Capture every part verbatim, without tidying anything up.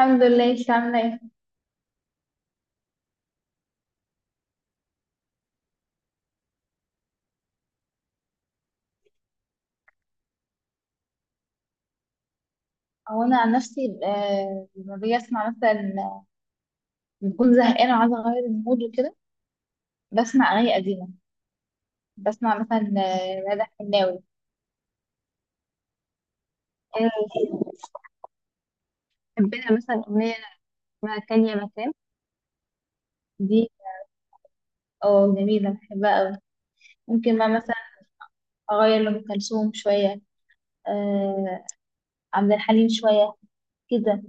الحمد لله، انت عامله ايه؟ هو انا عن نفسي آه لما باجي اسمع مثلا بكون زهقانه وعايزه اغير المود وكده، بسمع اغاني قديمه، بسمع مثلا آه، مدح حناوي. حبينا مثلا أغنية اسمها تانية مكان دي، اه جميله بحبها قوي. ممكن بقى مثلا اغير لام كلثوم شويه، آه عبد الحليم شويه، كده.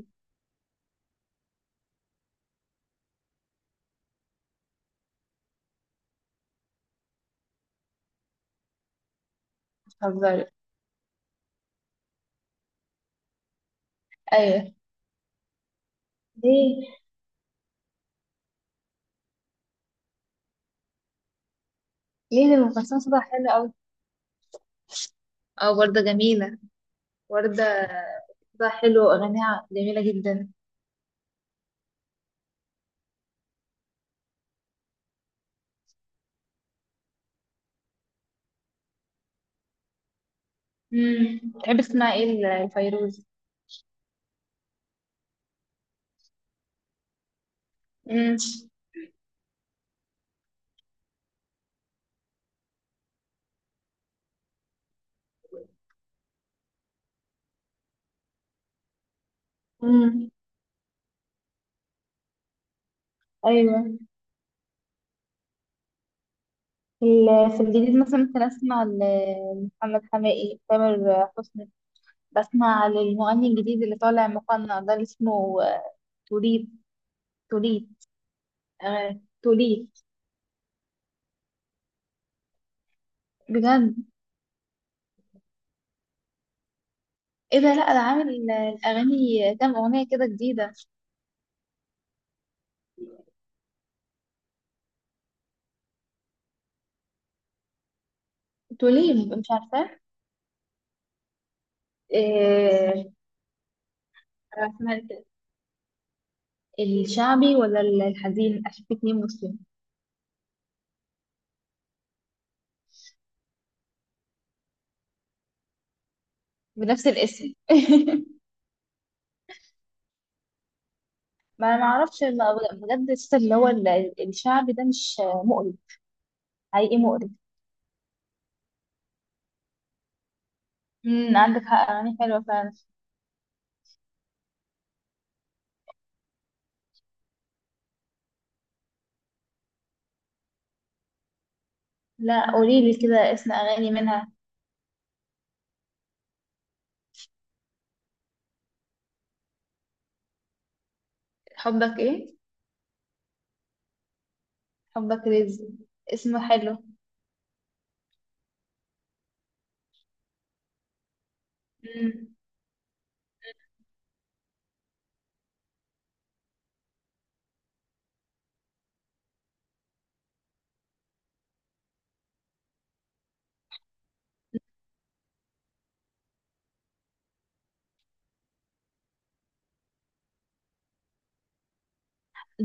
بتهزري؟ ايوه. ليه ليه ام كلثوم صوتها حلو قوي. اه، ورده جميله، ورده صوتها حلو واغانيها جميله جدا. امم تحب تسمع ايه ال- الفيروز؟ امم. امم. ايوه. ال- في الجديد مثلا ممكن اسمع ل- لمحمد حماقي، تامر حسني. بسمع للمغني الجديد اللي طالع مقنع ده اللي اسمه آه، توليت توليت آه، توليت. بجد؟ ايه ده، لا ده عامل الاغاني كام اغنيه كده جديده. توليم، مش عارفه. إيه؟ اسمها إيه كده؟ الشعبي ولا الحزين، اشوفك مين مسلم؟ بنفس الاسم. ما انا ما اعرفش إن- بجد الست اللي هو ال- الشعبي ده مش مقرف؟ حقيقي مقرف. امم عندك حق، اغاني حلوه فعلا. لا، قولي لي كده اسم اغاني منها. حبك ايه؟ حبك رزق. اسمه حلو. امم.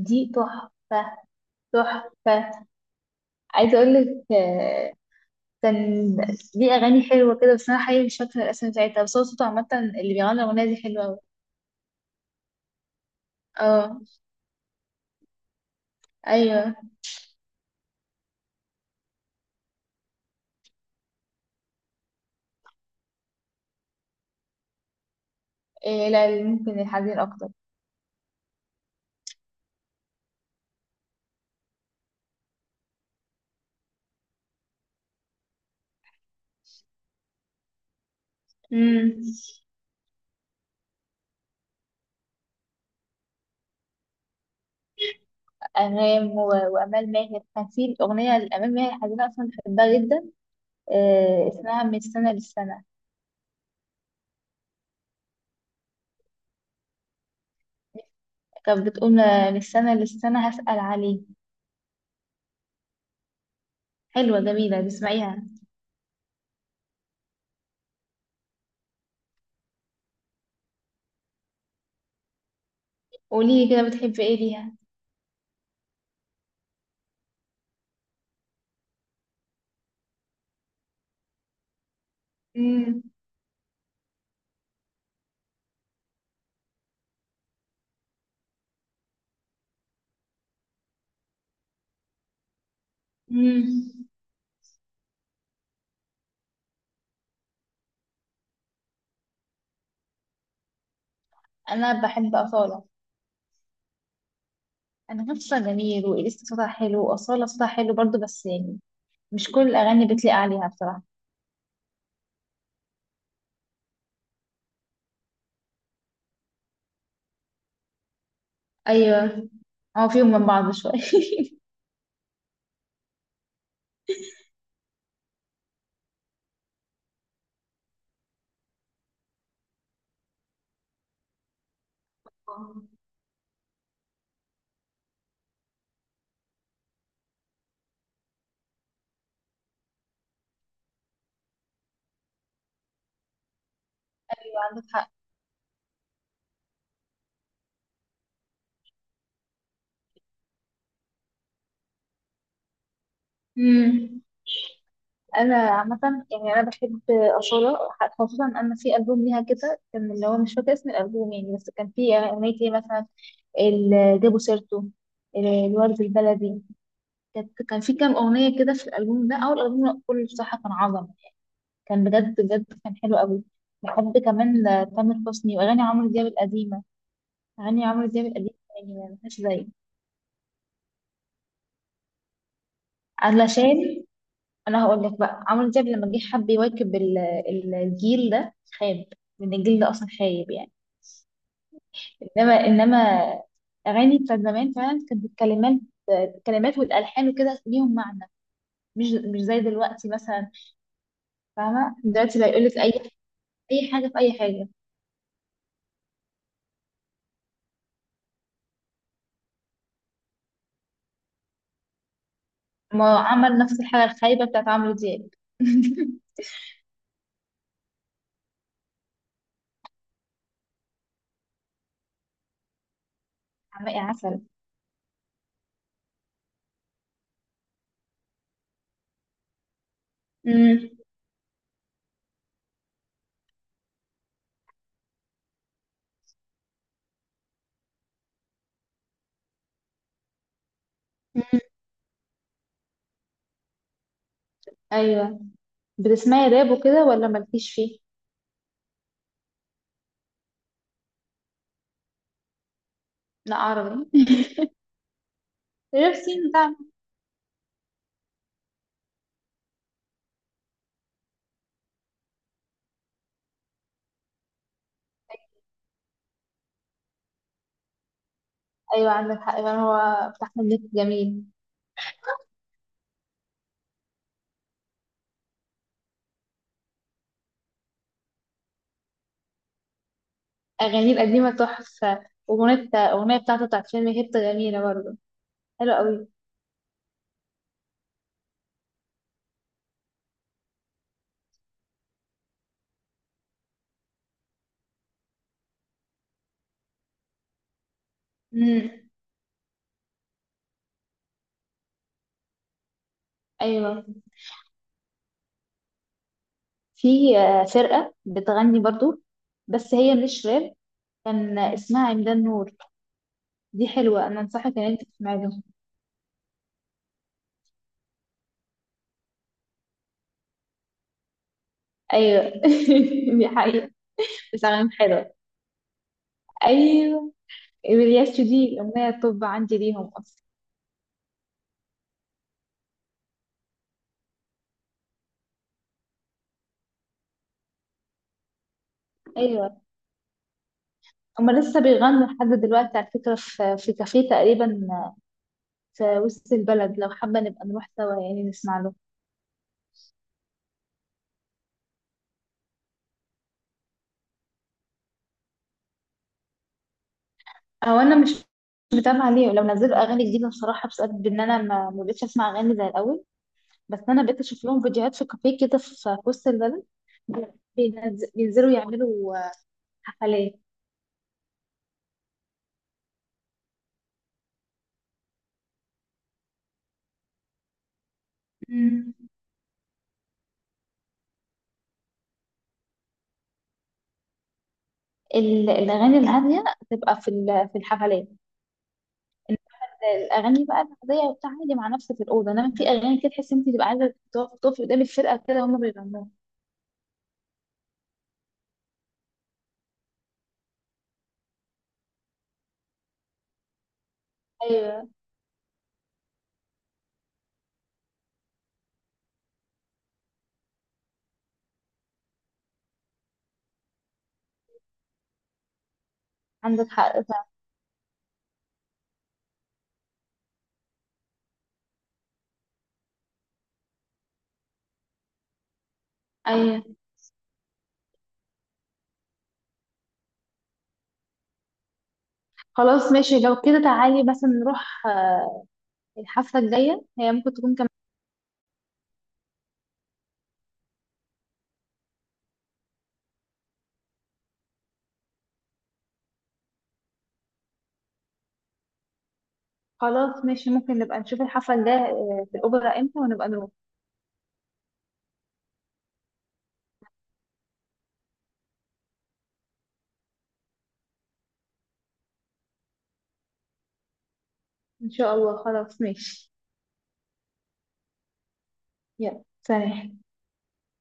دي تحفه، تحفه. عايزه اقول لك، آه، كان دي اغاني حلوه كده، بس انا حقيقي مش فاكره الاسم بتاعتها، بس هو صوته عامه اللي بيغني الاغنيه دي حلوه أوي. اه. ايوه. إيه، لا، ممكن الحزين اكتر. امم. أنغام و- وأمال ماهر، كان في أغنية لأمال ماهر حزينة أصلا بحبها جدا، آه، اسمها من السنة للسنة. كانت بتقول آه، من السنة للسنة هسأل عليه، حلوة جميلة بسمعيها. قولي لي كده بتحبي إيه ليها؟ مم. مم. أنا بحب أصالة. أنغام صوتها جميل، وإليسا صوتها حلو، وأصالة صوتها حلو برضو، بس يعني مش كل الأغاني بتليق عليها بصراحة. أيوة. هو فيهم من بعض شوية. أيوة، عندك حق. مم. انا عامه يعني انا بحب اصاله، خصوصا ان في البوم ليها كده كان، اللي هو مش فاكره اسم الالبوم يعني، بس كان في اغنيه ايه مثلا، ال- جابوا سيرته، ال- الورد البلدي. كانت كان في كام اغنيه كده في الالبوم ده، اول البوم كله بصراحه كان عظم، كان بجد بجد، كان حلو قوي. بحب كمان تامر حسني واغاني عمرو دياب القديمه، اغاني عمرو دياب القديمه يعني ما لهاش زي. علشان، انا هقول لك بقى، عمرو دياب لما جه حب يواكب ال- ال- الجيل ده خاب، لان الجيل ده اصلا خايب يعني. انما انما اغاني بتاعت زمان فعلا كانت الكلمات الكلمات والالحان وكده ليهم معنى، مش مش زي دلوقتي مثلا. فاهمه؟ دلوقتي لا، يقول لك اي اي حاجه في اي حاجه. ما هو عمل نفس الحاجه الخايبه بتاعت عمرو دياب. عم- يا عسل. امم. ايوه. بتسمعي راب وكده ولا مالكيش فيه؟ لا، عربي. نفسي. ايوه، عندك حق فعلا، هو بتاع احمد مكي جميل. اغانيه القديمه تحفه، واغنيه الاغنيه بتاعته بتاعت فيلم هيبت جميله برضه، حلوه قوي. امم. ايوه. في آه، فرقه بتغني برضه، بس هي مش راب، كان اسمها عمدان نور، دي حلوه، انا انصحك ان انت تسمعي لهم. ايوه. دي حقيقه. بس اغانيهم حلوه. ايوه. الياس دي اغنيه، طب عندي ليهم اصلا. ايوه. هما لسه بيغنوا لحد دلوقتي على فكره، في في كافيه تقريبا في وسط البلد، لو حابة نبقى نروح سوا يعني نسمع له. او انا مش متابعة ليه لو نزلوا اغاني جديدة بصراحة، بسبب ان انا ما ما بقتش اسمع اغاني زي الاول، بس انا بقيت اشوف لهم فيديوهات في كافيه كده، في في وسط البلد، بينز- بينزلوا يعملوا آه، حفلات. مم. ال- الأغاني الهادية تبقى في ال- في الحفلات، إن- الأغاني بقى العادية وبتاع عادي مع نفسك في الأوضة، إنما في أغاني كده تحس إن أنت تبقى عايزة تقف- تقفي قدام الفرقة كده هما بيغنوها. أيوه، عندك حق فعلا. أيوه. خلاص ماشي، لو كده تعالي مثلا نروح آه، الحفلة الجاية، هي ممكن تكون كمان. خلاص ماشي، ممكن نبقى نشوف الحفلة الجاية آه، في الأوبرا امتى ونبقى نروح. إن شاء الله، خلاص ماشي. يلا، سلام.